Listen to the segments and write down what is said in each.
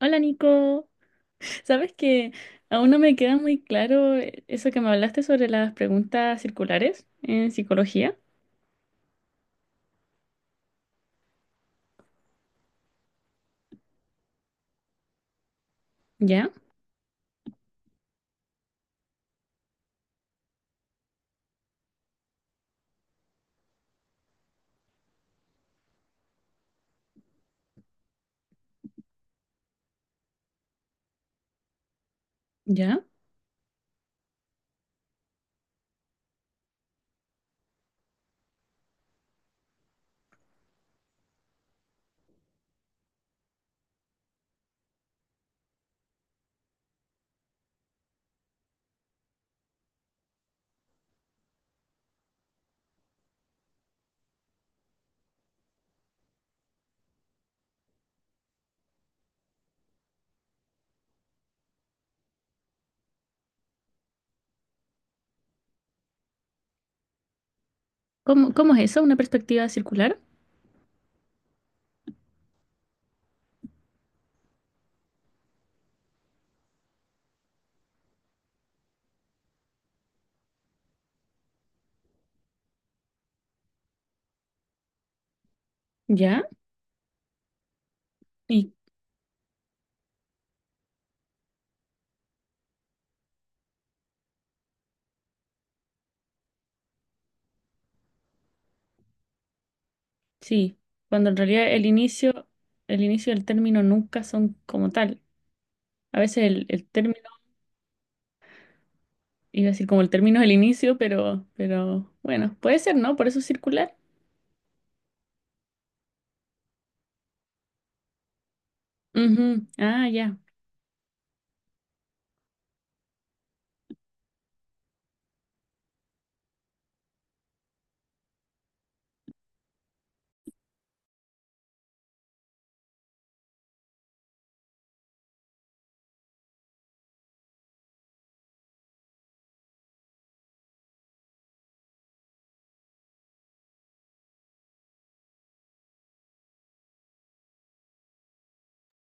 Hola Nico, sabes que aún no me queda muy claro eso que me hablaste sobre las preguntas circulares en psicología. ¿Ya? ¿Ya? ¿Cómo, cómo es eso? ¿Una perspectiva circular? ¿Ya? Y sí, cuando en realidad el inicio y el término nunca son como tal. A veces el término, iba a decir como el término es el inicio, pero bueno, puede ser, ¿no? Por eso es circular. Ujú. Ah, ya.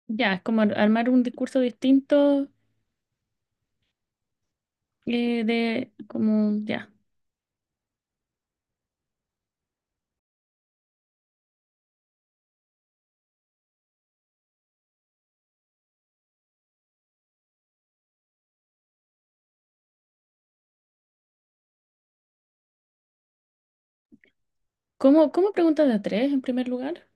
Ya, es como armar un discurso distinto de como ya. ¿Cómo, cómo preguntas de a tres en primer lugar?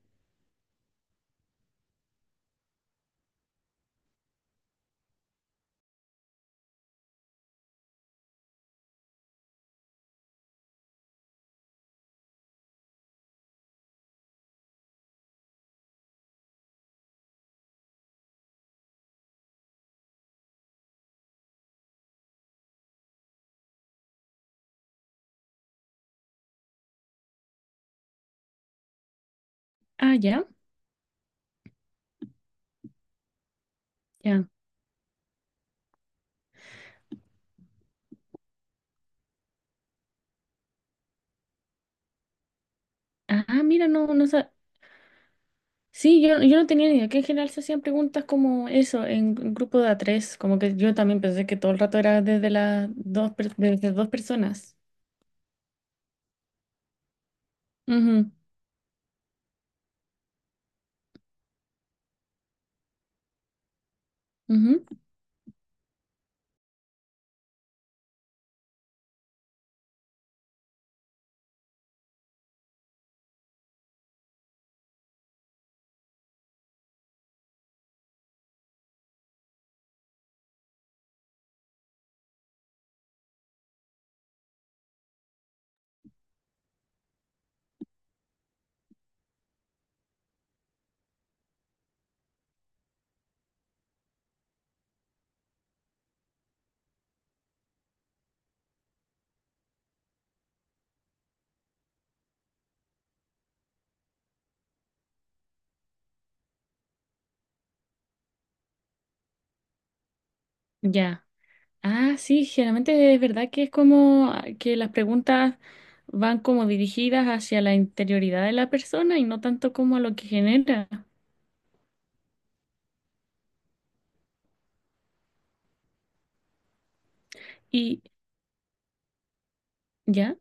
Ah, ya, ya. Ah, mira, no, no. Sí, yo no tenía ni idea que en general se hacían preguntas como eso, en grupo de a tres. Como que yo también pensé que todo el rato era desde las dos, desde dos personas. Ujú, ujú. Ya. Ah, sí, generalmente es verdad que es como ah, que las preguntas van como dirigidas hacia la interioridad de la persona y no tanto como a lo que genera. Y ya.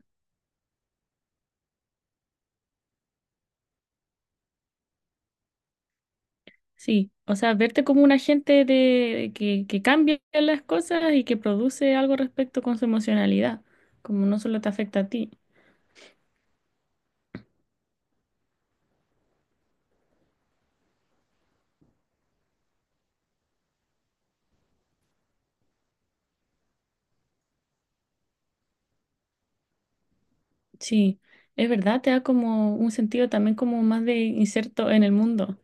Sí, o sea, verte como un agente de que cambia las cosas y que produce algo respecto con su emocionalidad, como no solo te afecta a ti. Sí, es verdad, te da como un sentido también como más de inserto en el mundo.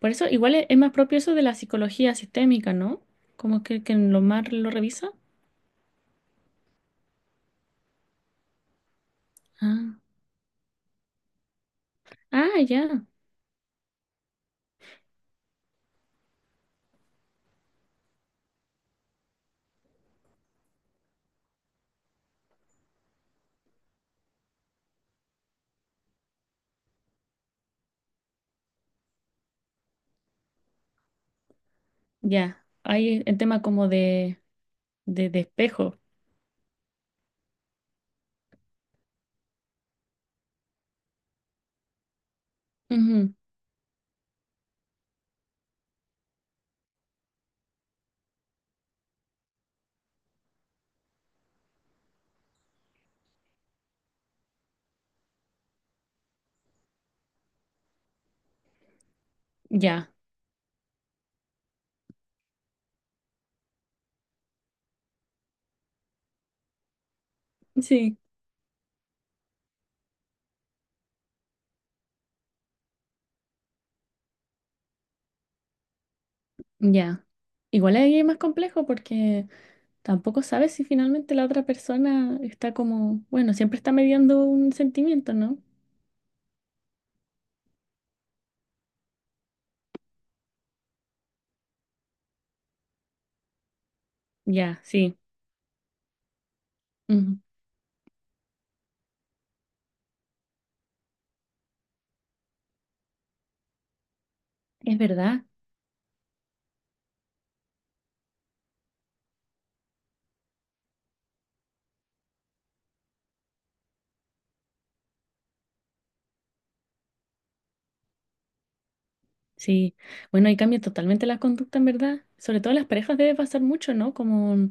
Por eso igual es más propio eso de la psicología sistémica, ¿no? Como que en lo más lo revisa. Ah, ah, ya, ya. Hay el tema como de espejo. Ujú. Ya, sí, ya. Igual ahí es más complejo porque tampoco sabes si finalmente la otra persona está como, bueno, siempre está mediando un sentimiento, ¿no? Ya, sí. Ujú. Es verdad, sí. Bueno, ahí cambia totalmente la conducta, en verdad. Sobre todo en las parejas debe pasar mucho, ¿no? Como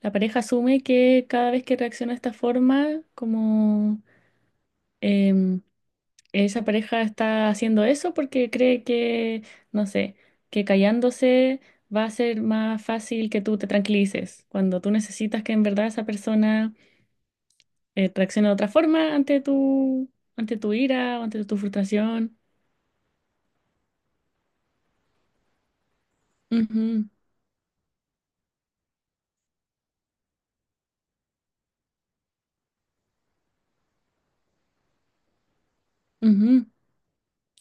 la pareja asume que cada vez que reacciona de esta forma, como em, esa pareja está haciendo eso porque cree que, no sé, que callándose va a ser más fácil que tú te tranquilices, cuando tú necesitas que en verdad esa persona reacciona de otra forma ante tu ira o ante tu frustración. Ujú, ujú.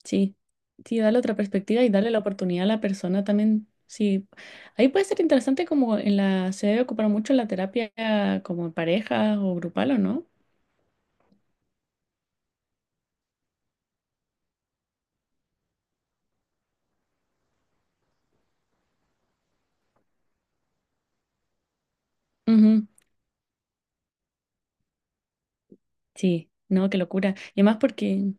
Sí, sí, darle otra perspectiva y darle la oportunidad a la persona también. Sí, ahí puede ser interesante como en la, se debe ocupar mucho en la terapia como en pareja o grupal o no. Ujú. Sí, no, qué locura. Y además porque,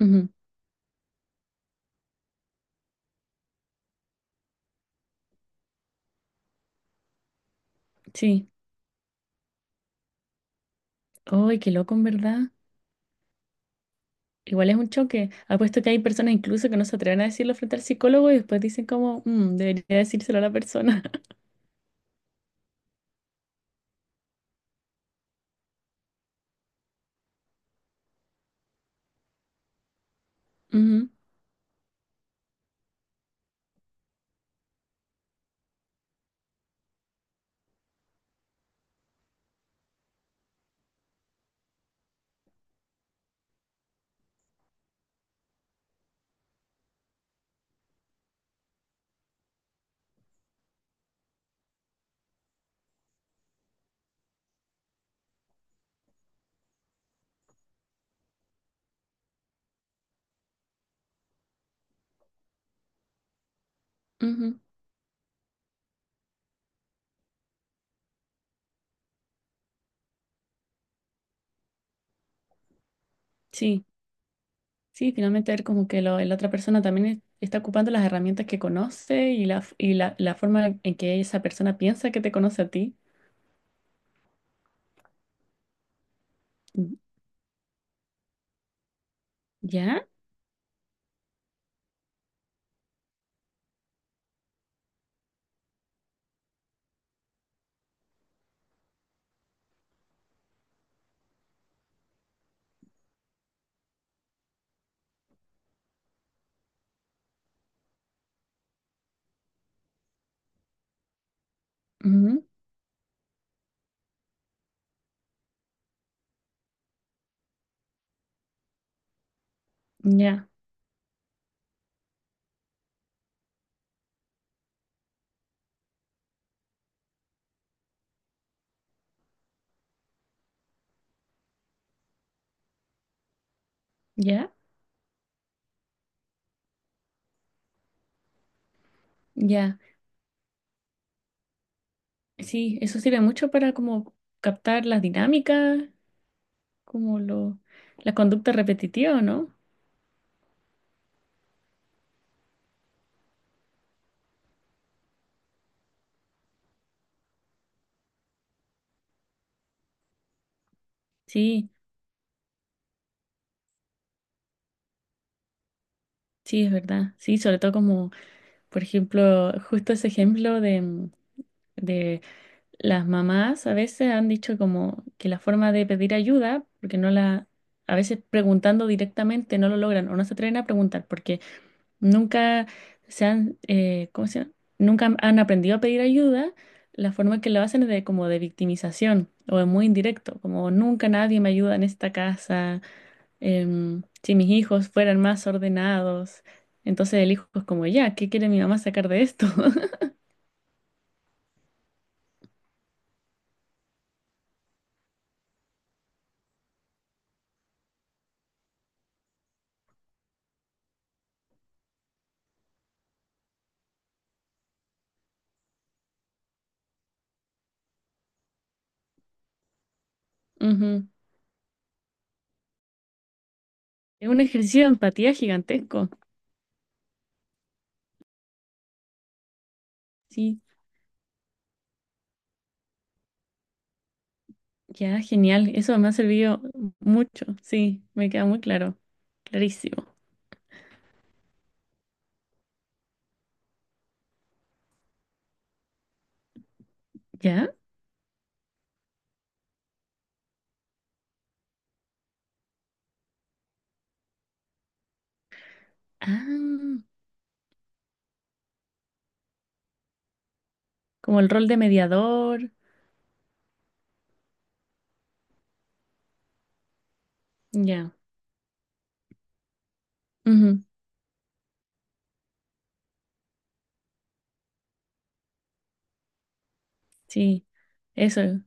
ujú, sí, ay, qué loco en verdad. Igual es un choque. Apuesto que hay personas incluso que no se atreven a decirlo frente al psicólogo y después dicen como, "Mm, debería decírselo a la persona." Ujú. Ujú. Sí, sí, finalmente ver como que la otra persona también está ocupando las herramientas que conoce y la, y la forma en que esa persona piensa que te conoce a ti. Mm. ¿Ya? Ujú. Ya, ya, ya. Sí, eso sirve mucho para como captar las dinámicas, como lo, la conducta repetitiva, ¿no? Sí, sí, es verdad. Sí, sobre todo como, por ejemplo, justo ese ejemplo de, las mamás a veces han dicho como que la forma de pedir ayuda, porque no la, a veces preguntando directamente no lo logran o no se atreven a preguntar porque nunca se han, ¿cómo se llama? Nunca han aprendido a pedir ayuda. La forma que lo hacen es de como de victimización o es muy indirecto, como nunca nadie me ayuda en esta casa, si mis hijos fueran más ordenados. Entonces el hijo es como, ya, ¿qué quiere mi mamá sacar de esto? Ujú. Es un ejercicio de empatía gigantesco. Sí. Ya, genial. Eso me ha servido mucho. Sí, me queda muy claro. Clarísimo. ¿Ya? Ah, como el rol de mediador. Ya. Ujú. Sí, eso.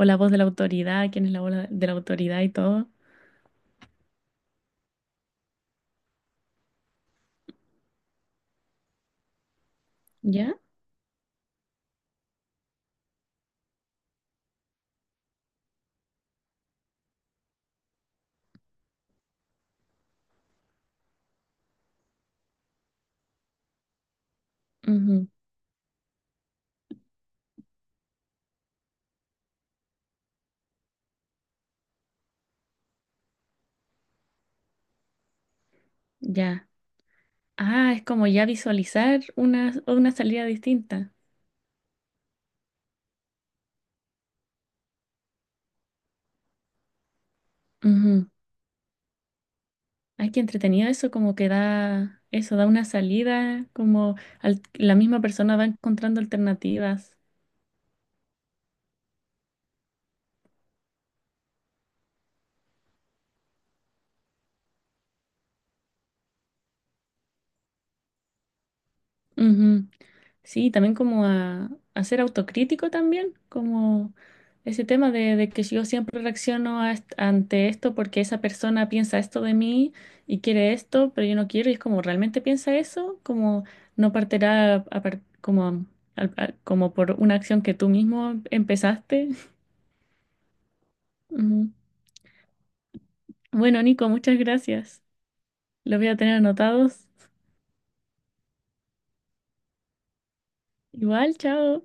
O la voz de la autoridad, quién es la voz de la autoridad y todo. ¿Ya? Ujú. Ya. Ah, es como ya visualizar una salida distinta. Ujú. Ay, qué entretenido eso, como que da, eso, da una salida, como la misma persona va encontrando alternativas. Ujú. Sí, también como a ser autocrítico también, como ese tema de que yo siempre reacciono a ante esto porque esa persona piensa esto de mí y quiere esto, pero yo no quiero, y es como realmente piensa eso, como no partirá a como, como por una acción que tú mismo empezaste. Ujú. Bueno, Nico, muchas gracias. Los voy a tener anotados. Igual, chao.